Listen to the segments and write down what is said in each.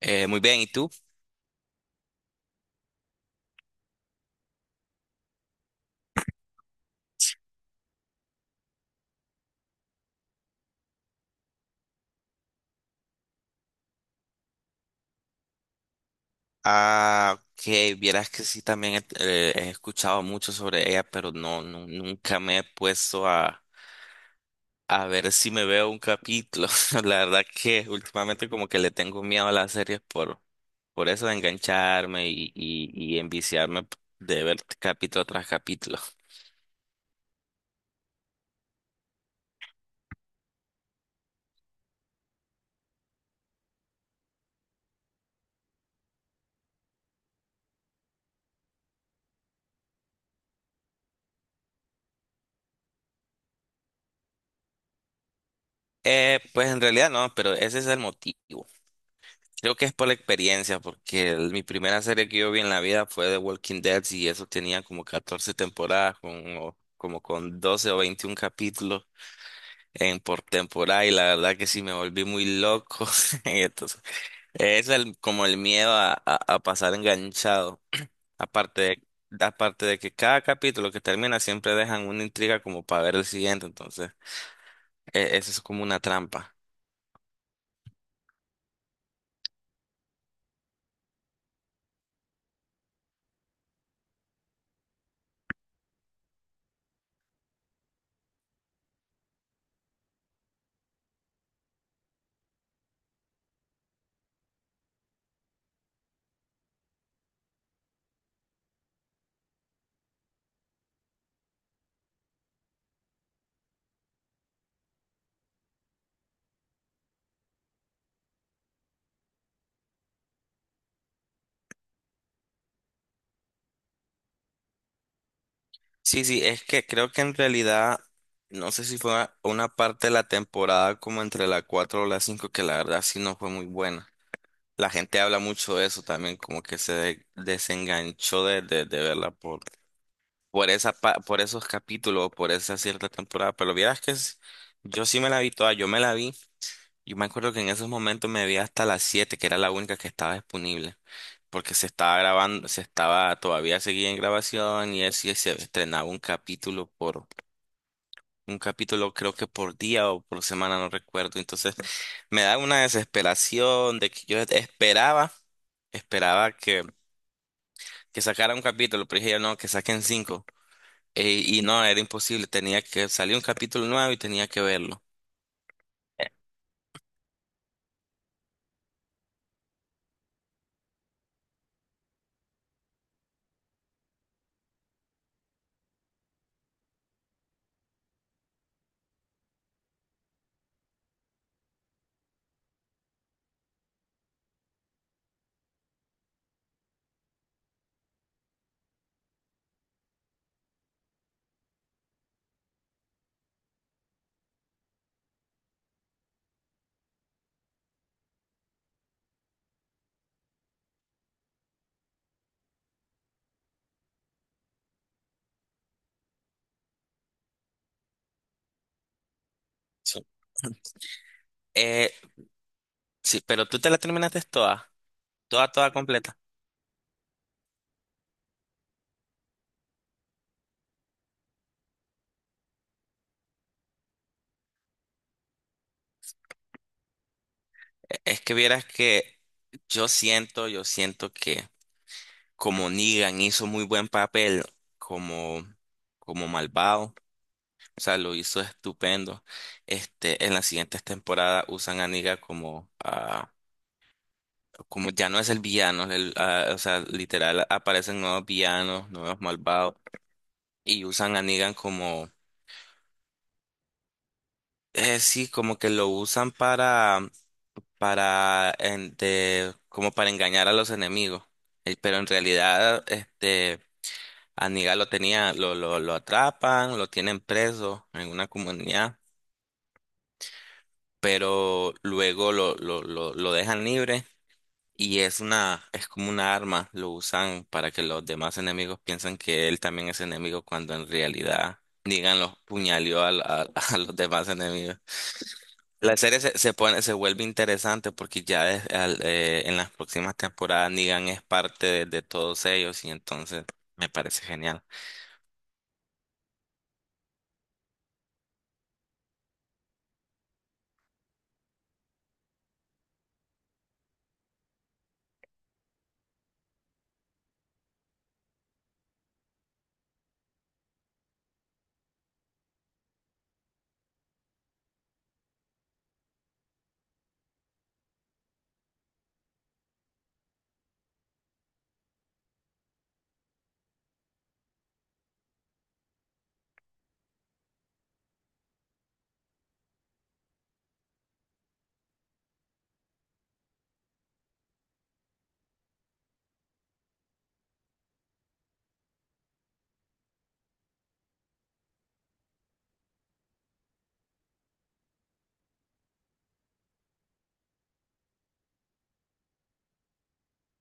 Muy bien, ¿y tú? Ah, que vieras que sí, también he escuchado mucho sobre ella, pero no, nunca me he puesto a, ver si me veo un capítulo. La verdad que últimamente como que le tengo miedo a las series por eso de engancharme y enviciarme de ver capítulo tras capítulo. Pues en realidad no, pero ese es el motivo. Creo que es por la experiencia, porque mi primera serie que yo vi en la vida fue The Walking Dead y eso tenía como 14 temporadas, como con 12 o 21 capítulos por temporada, y la verdad que sí me volví muy loco. Y entonces, es como el miedo a, pasar enganchado. Aparte aparte de que cada capítulo que termina siempre dejan una intriga como para ver el siguiente, entonces eso es como una trampa. Sí, sí, es que creo que en realidad, no sé si fue una parte de la temporada como entre la 4 o la 5 que la verdad sí no fue muy buena. La gente habla mucho de eso también, como que se desenganchó de, verla por esa, por esos capítulos, por esa cierta temporada. Pero vieras que yo sí me la vi toda, yo me la vi. Yo me acuerdo que en esos momentos me vi hasta las 7, que era la única que estaba disponible porque se estaba grabando, todavía seguía en grabación, y así se estrenaba un capítulo creo que por día o por semana, no recuerdo. Entonces me da una desesperación de que yo esperaba que sacara un capítulo, pero dije yo no, que saquen cinco. Y no, era imposible, tenía que salir un capítulo nuevo y tenía que verlo. Sí. Eh, sí, pero tú te la terminaste toda, toda, toda completa. Es que vieras que yo siento que como Negan hizo muy buen papel como, como malvado. O sea, lo hizo estupendo. Este, en las siguientes temporadas usan a Negan como, ah, como ya no es el villano, el, ah, o sea, literal aparecen nuevos villanos, nuevos malvados, y usan a Negan como, sí, como que lo usan para, como para engañar a los enemigos. Pero en realidad, este, a Negan lo tenía, lo atrapan, lo tienen preso en una comunidad, pero luego lo dejan libre. Y es es como una arma, lo usan para que los demás enemigos piensen que él también es enemigo cuando en realidad, díganlo, puñaleó a, a los demás enemigos. La serie se pone, se vuelve interesante porque ya es en las próximas temporadas Negan es parte de todos ellos, y entonces me parece genial.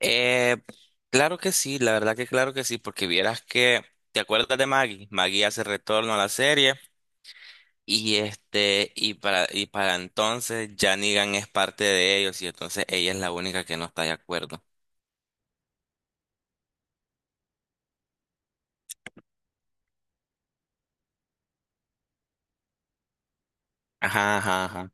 Eh, claro que sí, la verdad que claro que sí, porque vieras que, ¿te acuerdas de Maggie? Maggie hace retorno a la serie. Y para entonces ya Negan es parte de ellos, y entonces ella es la única que no está de acuerdo. Ajá, ajá, ajá.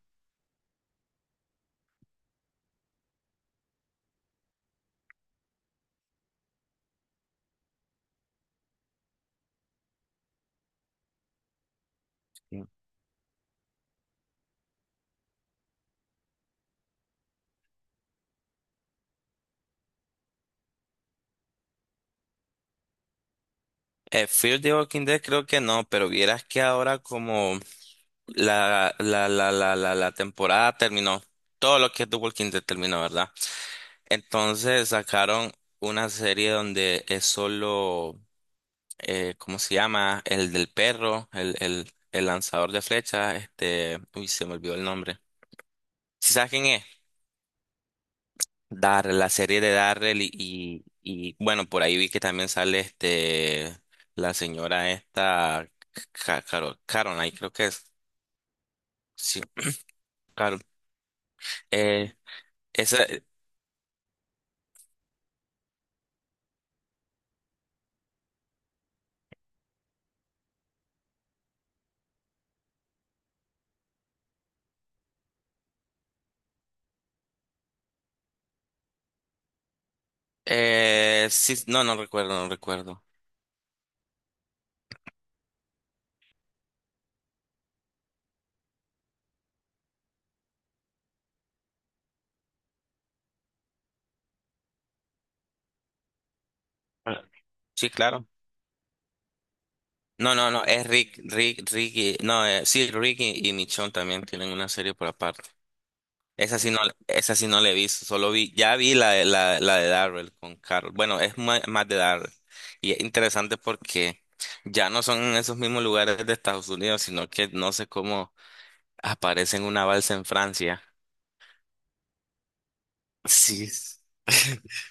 Fear the Walking Dead creo que no, pero vieras que ahora como la temporada terminó, todo lo que es The Walking Dead terminó, ¿verdad? Entonces sacaron una serie donde es solo, ¿cómo se llama? El del perro, el lanzador de flechas, uy, se me olvidó el nombre. ¿Sí sabes quién es? Darrell, la serie de Darrell bueno, por ahí vi que también sale la señora esta, Carol, Caroline, creo que es. Sí, Carol. Eh, Esa, sí, no, no recuerdo. Ah, sí, claro. No, no, no, es Rick, Rick, Ricky, no, sí, Ricky y Michonne también tienen una serie por aparte. Esa sí no, esa sí no la he visto, solo vi, ya vi la de Darrell con Carol. Bueno, es más, de Darrell. Y es interesante porque ya no son en esos mismos lugares de Estados Unidos, sino que no sé cómo aparece en una balsa en Francia. Sí.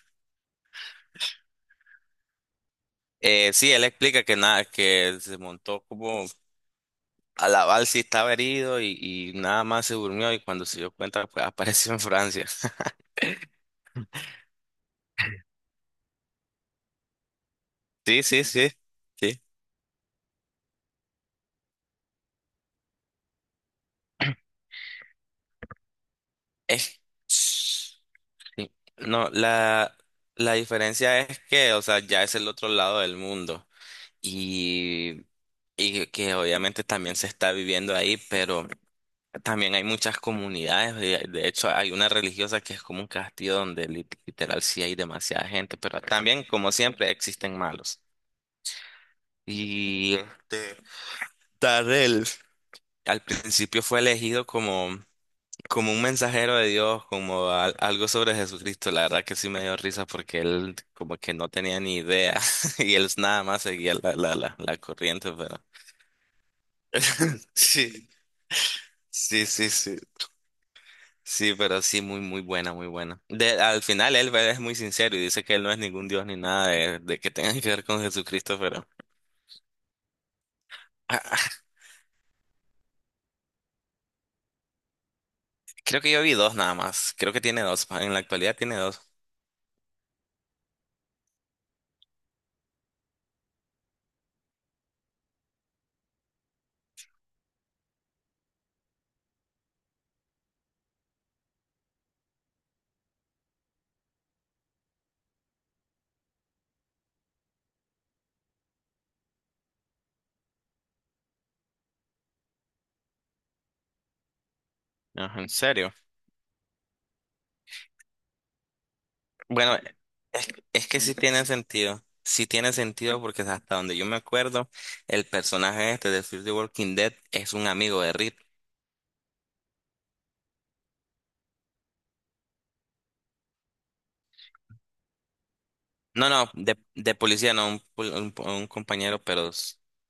Sí, él explica que nada, que se montó como a la balsa y estaba herido y nada más se durmió, y cuando se dio cuenta, pues apareció en Francia. Sí, sí, sí. Sí. Eh. Sí. No, la diferencia es que, o sea, ya es el otro lado del mundo y, y que obviamente también se está viviendo ahí, pero también hay muchas comunidades. De hecho, hay una religiosa que es como un castillo donde literal sí hay demasiada gente, pero también, como siempre, existen malos. Y este, Darrell al principio fue elegido como un mensajero de Dios, como algo sobre Jesucristo. La verdad que sí me dio risa porque él como que no tenía ni idea y él nada más seguía la corriente, pero sí, sí, sí, sí. Sí, pero sí, muy, muy buena, muy buena. De, al final él es muy sincero y dice que él no es ningún Dios ni nada de que tenga que ver con Jesucristo, pero. Ah, ah, creo que yo vi dos nada más. Creo que tiene dos, en la actualidad tiene dos. Ajá, ¿en serio? Bueno, es que sí tiene sentido. Sí tiene sentido porque hasta donde yo me acuerdo, el personaje este de Fear the Walking Dead es un amigo de Rick. No, no, de policía, no, un compañero, pero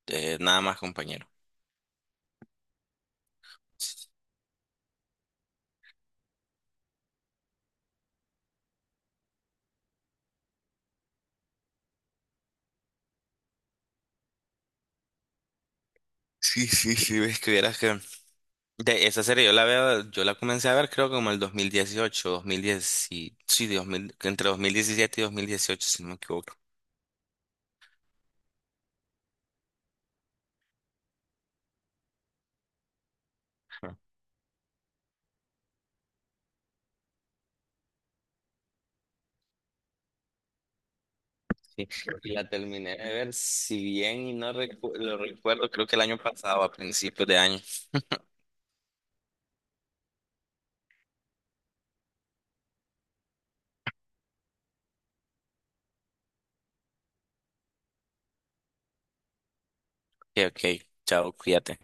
nada más compañero. Sí, sí, sí, ves que vieras que. De esa serie yo la veo, yo la comencé a ver creo que como el 2018, 2010, sí, 2000, entre 2017 y 2018, si no me equivoco. Sí, la terminé de ver, si bien y no lo recuerdo, creo que el año pasado, a principios de año. Ok, ok, chao, cuídate.